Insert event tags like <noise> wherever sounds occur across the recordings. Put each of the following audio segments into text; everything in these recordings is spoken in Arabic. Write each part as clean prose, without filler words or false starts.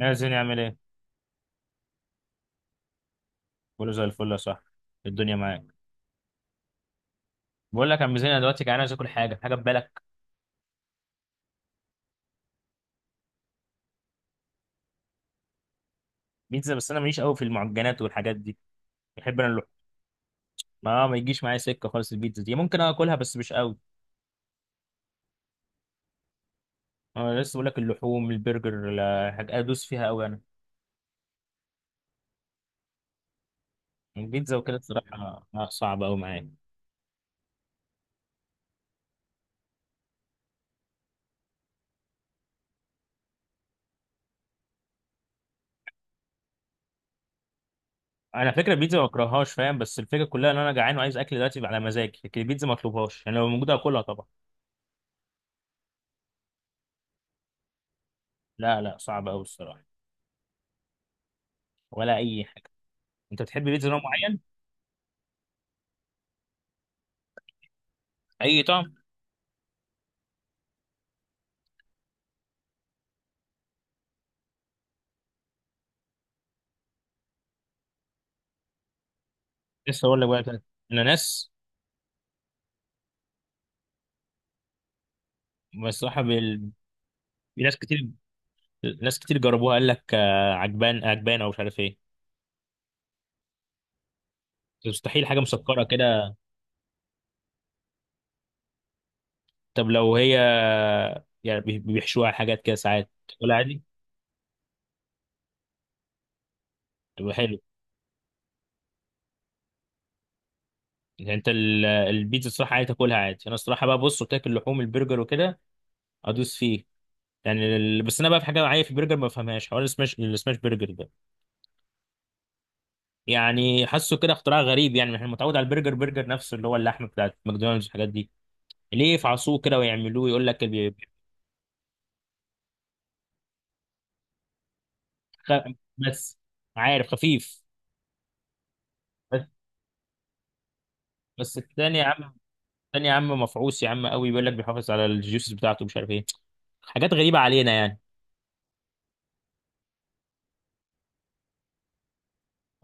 يا زين يعمل ايه؟ كله زي الفل يا صاحبي، الدنيا معاك. بقول لك يا عم زين، انا دلوقتي جعان عايز اكل حاجه، حاجه في بالك؟ بيتزا؟ بس انا ماليش قوي في المعجنات والحاجات دي، بحب انا اللحوم. ما يجيش معايا سكه خالص، البيتزا دي ممكن اكلها بس مش قوي. انا لسه بقول لك، اللحوم، البرجر، لا، حاجه ادوس فيها قوي انا. البيتزا وكده الصراحه صعبه قوي معايا. انا فكره البيتزا ما بكرههاش فاهم، بس الفكره كلها ان انا جعان وعايز اكل دلوقتي على مزاجي، لكن البيتزا ما اطلبهاش يعني، لو موجوده اكلها طبعا. لا لا، صعبه قوي الصراحه. ولا اي حاجه. انت بتحب بيتزا نوع معين؟ اي طعم. لسه اقول لك بقى، بتاعت الاناناس. بصراحه بال... ناس كتير، ناس كتير جربوها، قال لك آه، عجبان عجبان، او مش عارف ايه. مستحيل حاجه مسكره كده. طب لو هي يعني بيحشوها حاجات كده ساعات تاكلها عادي، تبقى حلو. يعني انت البيتزا الصراحه عادي تاكلها عادي، انا الصراحه بقى بص قلت لك، اللحوم البرجر وكده ادوس فيه. يعني بس انا بقى في حاجه معايا في البرجر ما بفهمهاش، حوار السماش، السماش برجر ده. يعني حاسه كده اختراع غريب، يعني احنا متعود على البرجر، برجر نفسه اللي هو اللحمه بتاعت ماكدونالدز والحاجات دي. ليه يفعصوه كده ويعملوه، يقول لك خ- بس، عارف، خفيف. بس بس التاني يا عم، التاني يا عم مفعوص يا عم قوي، بيقول لك بيحافظ على الجيوسز بتاعته، مش عارف ايه، حاجات غريبة علينا يعني.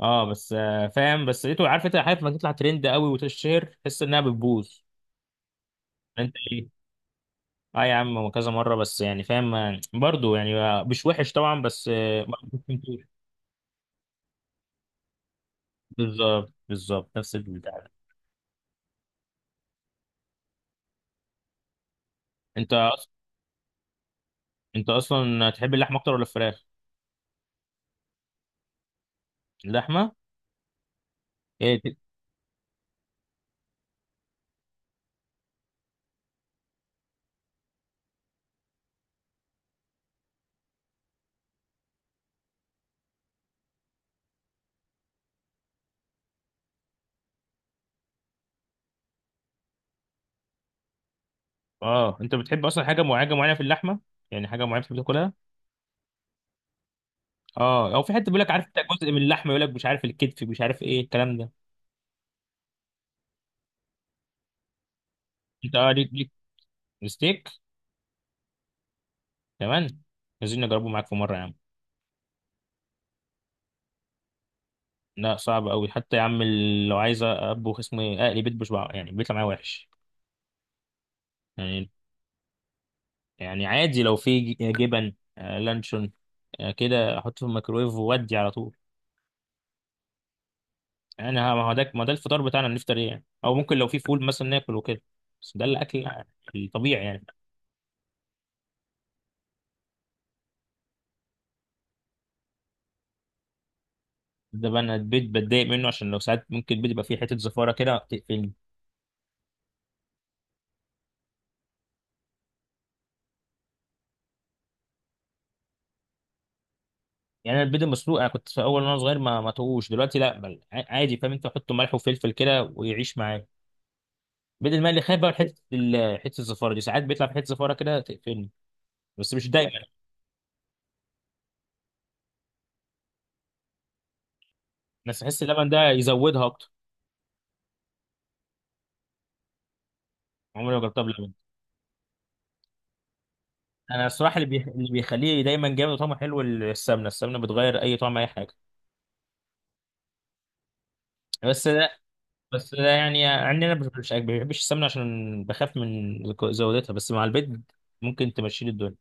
اه، بس فاهم، بس لقيته، عارف انت، عارف لما تطلع ترند قوي وتشهر تحس انها بتبوظ. انت ايه؟ اه يا عم، هو كذا مرة، بس يعني فاهم برضه، يعني مش وحش طبعا، بس ما كنتوش. بالظبط بالظبط، نفس البتاع ده. انت أص- انت اصلا تحب اللحمة اكتر ولا الفراخ؟ اللحمة، ايه، اه. انت بتحب اصلا حاجه معينه حاجة معينة في اللحمه؟ يعني حاجه معينه بتحب تاكلها. اه، او في حته بيقول لك، عارف انت، جزء من اللحمه يقول لك، مش عارف الكتف، مش عارف ايه الكلام ده. انت، اه، ليك ستيك، كمان. عايزين نجربه معاك في مره يا عم. لا صعب قوي حتى يا عم، لو عايز اطبخ اسمه ايه اقلي بيت بشبع، يعني بيطلع معايا وحش يعني. يعني عادي، لو في جبن، لانشون، كده احطه في الميكرويف وودي على طول. يعني، ما هو ده، ما ده الفطار بتاعنا، نفطر ايه يعني؟ او ممكن لو في فول مثلا ناكل وكده. بس ده الاكل الطبيعي يعني. ده بقى، انا البيض بتضايق منه عشان لو ساعات ممكن البيض يبقى فيه حته زفاره كده تقفلني. يعني انا البيض المسلوق، انا كنت في اول وانا صغير ما توهوش، دلوقتي لا بل عادي، فاهم انت، حط ملح وفلفل كده ويعيش معاك. البيض المقلي خايف بقى من حته حته الزفاره دي، ساعات بيطلع في حته زفاره كده تقفلني، بس مش دايما. بس بحس اللبن ده يزودها اكتر. عمري ما جربتها بلبن. انا الصراحه، اللي بيخليه دايما جامد وطعمه حلو، السمنه، السمنه بتغير اي طعم، اي حاجه. بس بس ده، يعني عندنا مش ما بحبش السمنة عشان بخاف من زودتها، بس مع البيض ممكن تمشي لي الدنيا.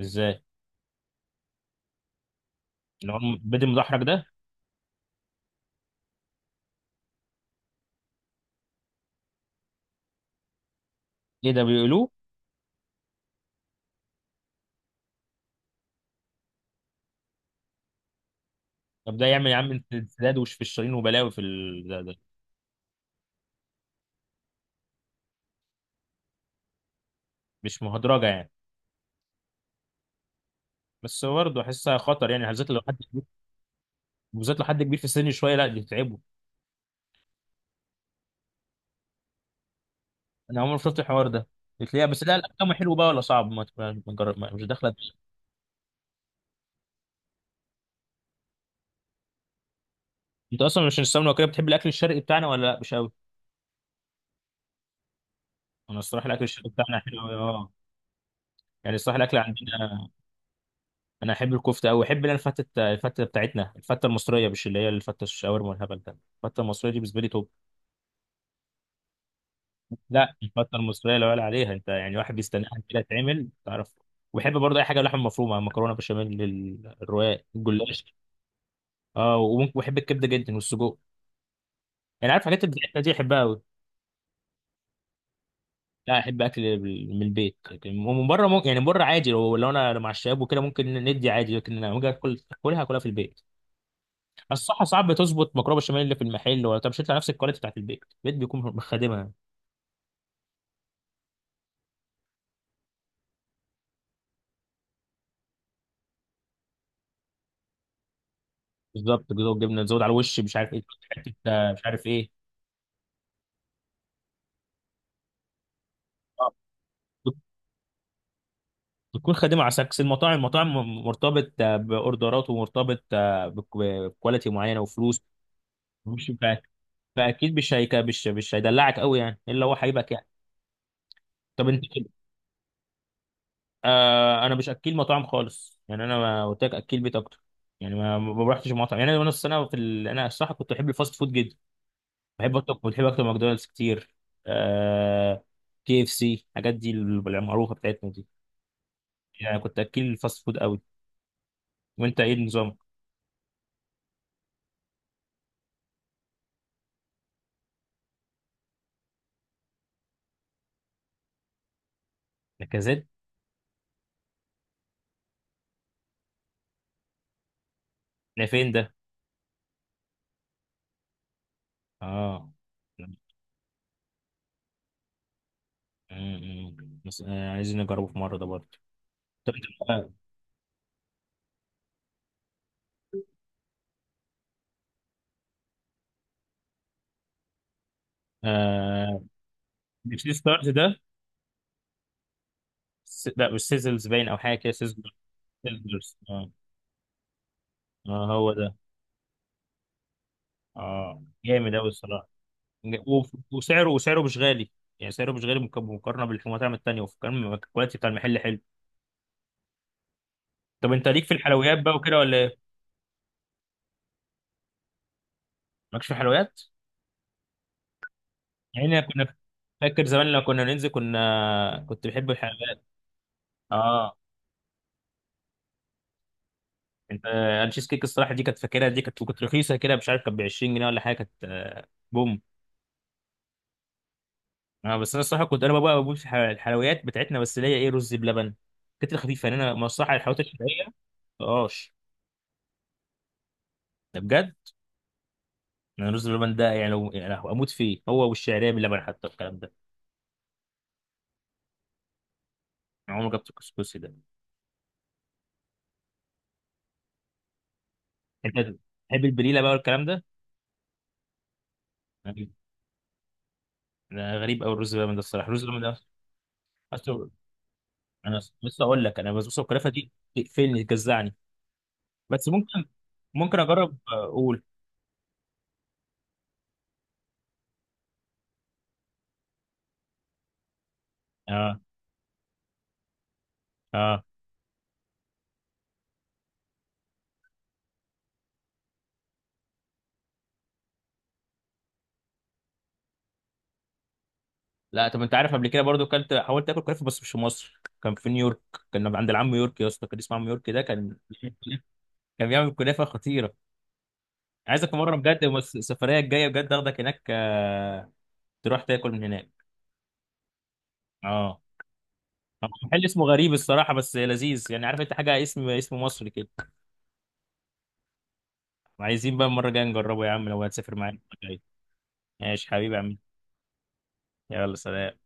ازاي؟ اللي هو البيض المدحرج ده؟ ايه ده بيقولوه؟ طب ده يعمل يا عم انسداد وشفشرين وبلاوي في ده. مش مهدرجة يعني؟ بس برضه احسها خطر يعني، بالذات لو حد كبير، بالذات لو حد كبير في السن شوية، لا دي تتعبه. انا عمري ما شفت الحوار ده. بتلاقيها، بس لا الاكل حلو بقى ولا صعب، ما تجرب، مش داخله. انت اصلا عشان السمنه وكده بتحب الاكل الشرقي بتاعنا ولا لا مش قوي؟ انا الصراحه الاكل الشرقي بتاعنا حلو أوي، اه. يعني الصراحه الاكل عندنا. انا احب الكفته قوي، احب اللي انا الفته بتاعتنا، الفته المصريه، مش اللي هي الفته الشاورما والهبل ده. الفته المصريه دي بالنسبه لي توب. لا الفته المصريه لا يعلى عليها، انت يعني واحد بيستناها كده، تعمل، تعرف. وبحب برضه اي حاجه لحم مفرومه، مكرونه بشاميل، الرقاق، الجلاش. اه، وممكن بحب الكبده جدا والسجق، يعني عارف الحاجات اللي بتاعتنا دي، احبها قوي. لا، احب اكل من البيت، لكن من بره ممكن يعني، من بره عادي، لو انا مع الشباب وكده ممكن ندي عادي، لكن لما اجي اكل، اكلها في البيت. الصحة ساعات بتظبط مكرونة بشاميل اللي في المحل ولا، طب مش هيطلع نفس الكواليتي بتاعت البيت، البيت بيكون مخدمها. بالظبط كده، والجبنة تزود على الوش، مش عارف ايه، حتة مش عارف ايه. آه، بت- بتكون خادمة على سكس. المطاعم مرتبط بأوردرات، ومرتبط بكواليتي معينة وفلوس. مش فا- فأكيد مش هيك، مش هيدلعك قوي يعني، إلا هو هيبقى يعني. طب أنت كده. آه، أنا مش أكيل مطاعم خالص، يعني أنا ما قلت لك، أكيل بيت أكتر. يعني ما رحتش مطعم، يعني أنا السنة في أنا الصراحة كنت أحب الفاست فود جدا. بحب اكتب ماكدونالدز كتير. آه... KFC، الحاجات دي المعروفه بتاعتنا دي. يعني كنت اكل الفاست فود قوي. وانت ايه النظام؟ لاكازيت؟ ده فين ده؟ اه. أمم. بس عايزين نجربه في مره ده برضه. طب انت، بقى، آه... مش ستارت ده؟ لا مش سيزلز، باين او حاجه كده، سيزلز، سيزلز، اه. اه، هو ده. اه جامد قوي الصراحه. و- وسعره مش غالي، يعني سعره مش غالي مقارنه بالمطاعم التانيه، وكان الكواليتي بتاع المحل حلو. طب انت ليك في الحلويات بقى وكده ولا ايه؟ مالكش في الحلويات. يعني انا كنا فاكر زمان، لما كنا ننزل كنت بحب الحلويات. اه، انا تشيز كيك الصراحه دي كانت فاكرها، دي كانت رخيصه كده، مش عارف كانت ب 20 جنيه ولا حاجه، كانت بوم. اه، بس انا الصراحه كنت، انا بقى بموت في الحلويات بتاعتنا، بس اللي هي ايه، رز بلبن. كانت خفيفه يعني، انا الصراحه الحلويات الشرقيه مبقاش. ده بجد؟ انا الرز بلبن ده يعني لو، يعني اموت فيه، هو والشعريه باللبن حتى، الكلام ده. انا عمري ما جبت الكسكسي ده. انت تحب البليله بقى والكلام ده؟ أنا غريب قوي، الرز بلبن ده الصراحه، الرز بلبن ده. اصل انا لسه اقول لك، انا البسبوسه والكنافه دي تقفلني، تجزعني. بس ممكن، ممكن اجرب، اقول اه. اه. لا. طب انت عارف، قبل كده برضو حاولت اكل كنافه، بس مش في مصر، كان في نيويورك. كان عند العم يورك يا اسطى، كان اسمه عم يورك ده، <laughs> كان بيعمل كنافه خطيره. عايزك في مره بجد، بس السفريه الجايه بجد اخدك هناك تروح تاكل من هناك. اه. محل اسمه غريب الصراحه بس لذيذ، يعني عارف انت، حاجه اسم مصري كده. عايزين بقى المرة الجاية نجربه يا عم، لو هتسافر معايا المرة الجاية. ماشي حبيبي يا عم. يلا سلام.